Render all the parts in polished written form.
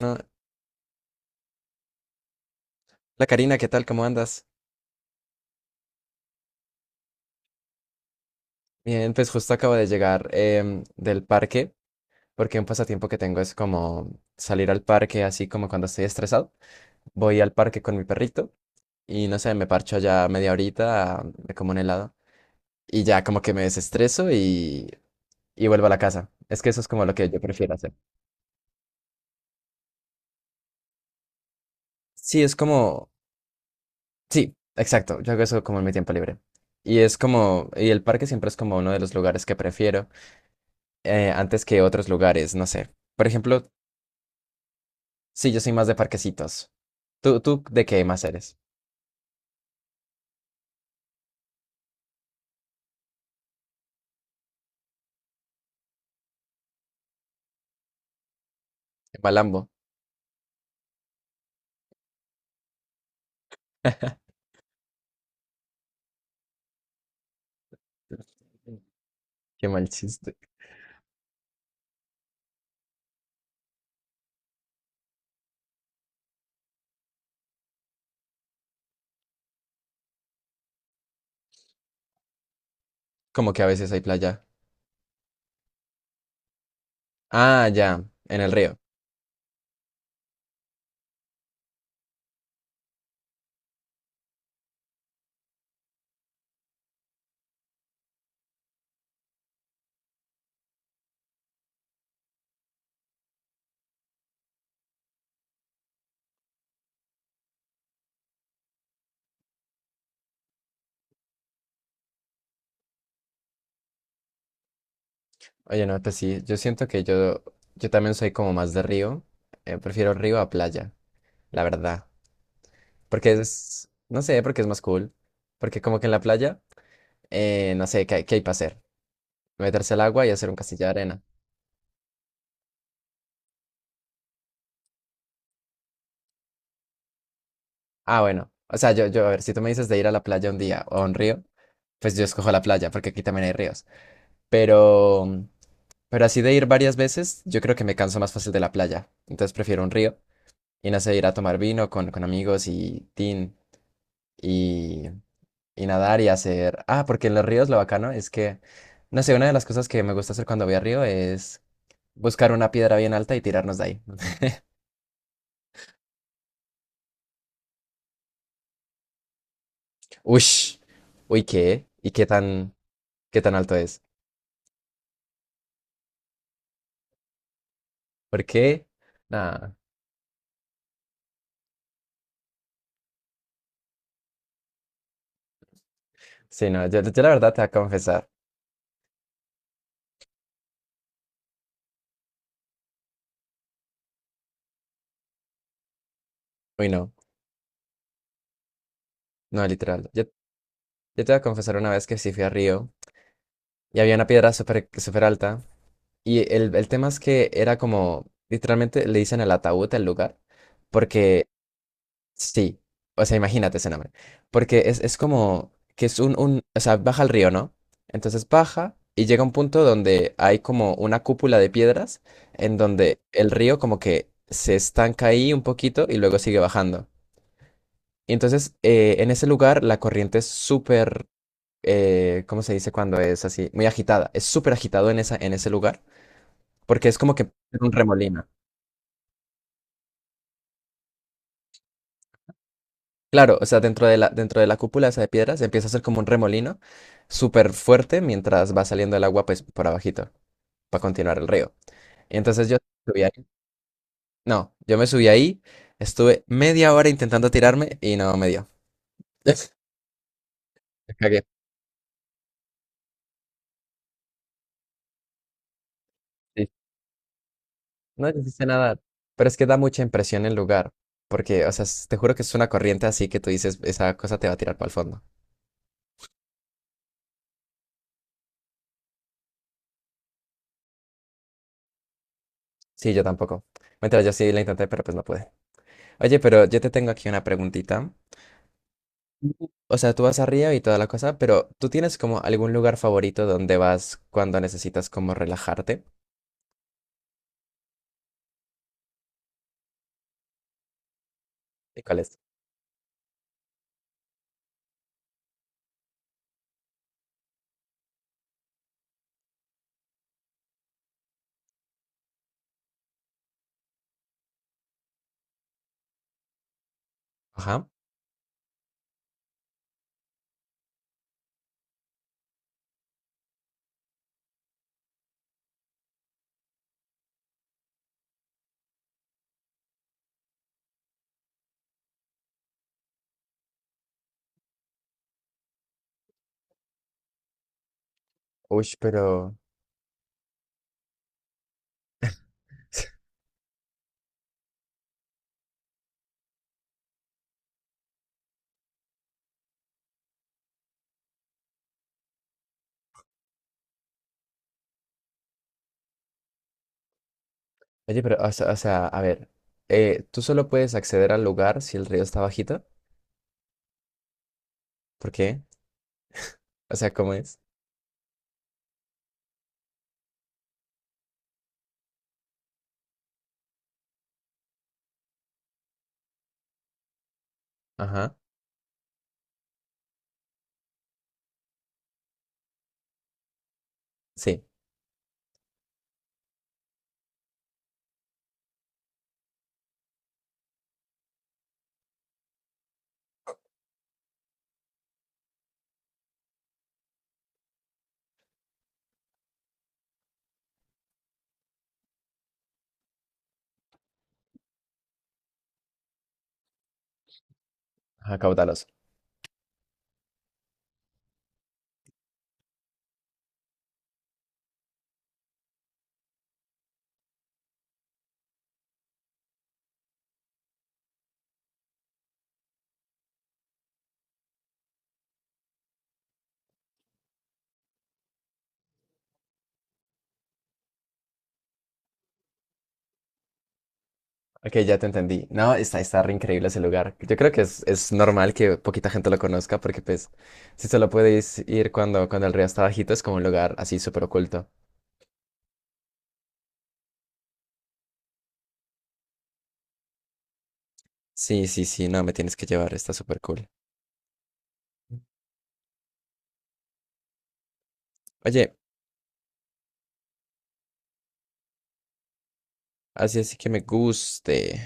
No, La Karina, ¿qué tal? ¿Cómo andas? Bien, pues justo acabo de llegar del parque, porque un pasatiempo que tengo es como salir al parque, así como cuando estoy estresado. Voy al parque con mi perrito y no sé, me parcho allá media horita, me como un helado y ya como que me desestreso y vuelvo a la casa. Es que eso es como lo que yo prefiero hacer. Sí, es como, sí, exacto, yo hago eso como en mi tiempo libre. Y es como, y el parque siempre es como uno de los lugares que prefiero antes que otros lugares, no sé. Por ejemplo, sí, yo soy más de parquecitos. ¿Tú de qué más eres? De Malambo. Qué mal chiste. Como que a veces hay playa. Ah, ya, en el río. Oye, no, pues sí, yo siento que yo también soy como más de río. Prefiero río a playa, la verdad. Porque es, no sé, porque es más cool. Porque como que en la playa, no sé, qué hay para hacer? Meterse al agua y hacer un castillo de arena. Ah, bueno. O sea, a ver, si tú me dices de ir a la playa un día o a un río, pues yo escojo la playa, porque aquí también hay ríos. Pero, pero así de ir varias veces, yo creo que me canso más fácil de la playa. Entonces prefiero un río y no sé, ir a tomar vino con amigos y tin y, y nadar y hacer. Ah, porque en los ríos lo bacano es no sé, una de las cosas que me gusta hacer cuando voy a río es buscar una piedra bien alta y tirarnos de ahí. Ush, uy, ¿qué? ¿Y qué tan alto es? ¿Por qué? Nada. Sí, no, yo la verdad te voy a confesar. Uy, no, no, literal. Yo te voy a confesar una vez que sí fui a Río y había una piedra súper súper alta. Y el tema es que era como, literalmente le dicen el ataúd al lugar, porque sí, o sea, imagínate ese nombre, porque es como que es o sea, baja el río, ¿no? Entonces baja y llega a un punto donde hay como una cúpula de piedras en donde el río como que se estanca ahí un poquito y luego sigue bajando. Y entonces en ese lugar la corriente es súper ¿cómo se dice cuando es así? Muy agitada. Es súper agitado en en ese lugar, porque es como que un remolino. Claro, o sea, dentro de la cúpula esa de piedras empieza a ser como un remolino súper fuerte mientras va saliendo el agua pues por abajito para continuar el río. Y entonces yo subí ahí. No, yo me subí ahí, estuve media hora intentando tirarme y no me dio. Me cagué. Sí. No, yo sí sé nadar. Pero es que da mucha impresión el lugar, porque, o sea, te juro que es una corriente así que tú dices, esa cosa te va a tirar para el fondo. Sí, yo tampoco. Mientras yo sí la intenté, pero pues no pude. Oye, pero yo te tengo aquí una preguntita. Ujú. O sea, tú vas a Río y toda la cosa, pero ¿tú tienes como algún lugar favorito donde vas cuando necesitas como relajarte? ¿Y cuál es? Ajá. Uy, pero... Oye, pero, a ver, ¿tú solo puedes acceder al lugar si el río está bajito? ¿Por qué? O sea, ¿cómo es? Ajá. Sí, ajá, caudaloso. Ok, ya te entendí. No, está re increíble ese lugar. Yo creo que es normal que poquita gente lo conozca porque pues si solo puedes ir cuando el río está bajito es como un lugar así súper oculto. Sí, sí, sí, no, me tienes que llevar, está súper cool. Oye, así así que me guste.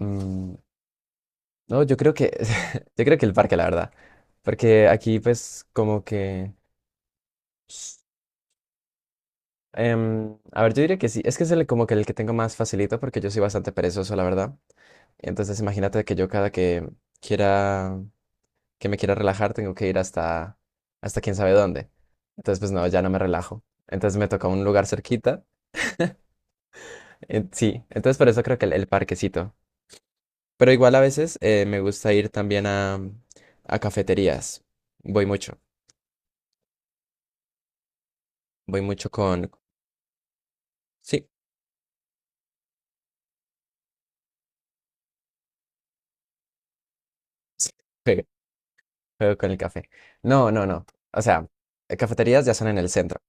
Mm, no, yo creo que, yo creo que el parque, la verdad. Porque aquí pues como que... a ver, yo diría que sí, es que es como que el que tengo más facilito porque yo soy bastante perezoso, la verdad. Entonces imagínate que yo cada que quiera, que me quiera relajar, tengo que ir hasta quién sabe dónde. Entonces, pues no, ya no me relajo. Entonces me toca un lugar cerquita. Sí, entonces por eso creo que el parquecito. Pero igual a veces me gusta ir también a cafeterías. Voy mucho, voy mucho con... Sí, sí, juego, juego con el café. No, no, no. O sea, cafeterías ya son en el centro.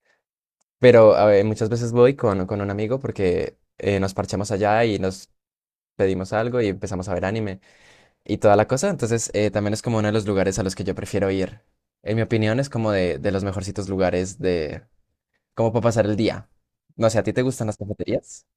Pero a ver, muchas veces voy con un amigo porque nos parchamos allá y nos pedimos algo y empezamos a ver anime y toda la cosa. Entonces, también es como uno de los lugares a los que yo prefiero ir. En mi opinión, es como de los mejorcitos lugares de como para pasar el día. No sé, ¿a ti te gustan las cafeterías?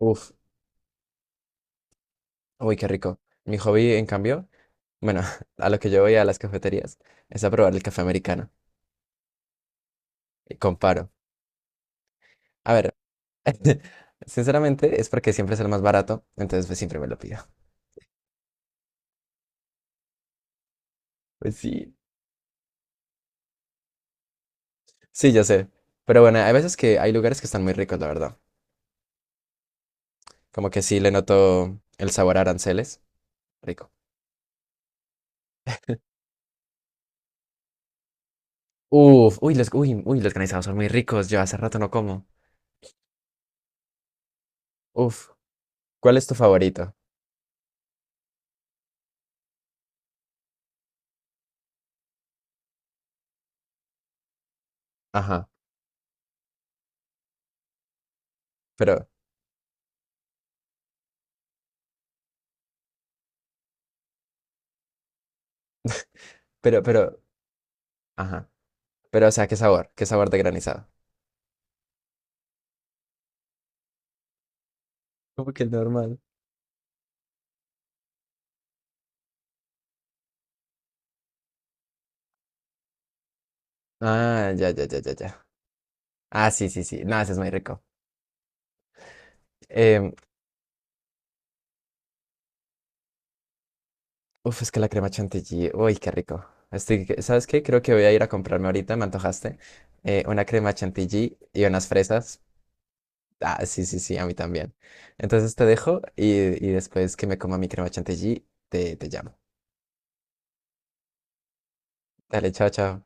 Uf, uy, qué rico. Mi hobby, en cambio, bueno, a lo que yo voy a las cafeterías es a probar el café americano. Y comparo. A ver, sinceramente es porque siempre es el más barato, entonces pues siempre me lo pido. Pues sí. Sí, ya sé. Pero bueno, hay veces que hay lugares que están muy ricos, la verdad. Como que sí le noto el sabor a aranceles. Rico. Uf, uy, uy, los granizados son muy ricos. Yo hace rato no como. Uf, ¿cuál es tu favorito? Ajá, pero, pero, ajá. Pero, o sea, ¿qué sabor? ¿Qué sabor de granizado? Como que el normal. Ah, ya, ya, ya, ya, ya. Ah, sí, sí, sí. No, ese es muy rico. Em, uf, es que la crema chantilly. Uy, qué rico. Estoy, ¿sabes qué? Creo que voy a ir a comprarme ahorita, me antojaste, una crema chantilly y unas fresas. Ah, sí, sí, sí, a mí también. Entonces te dejo y después que me coma mi crema chantilly, te llamo. Dale, chao, chao.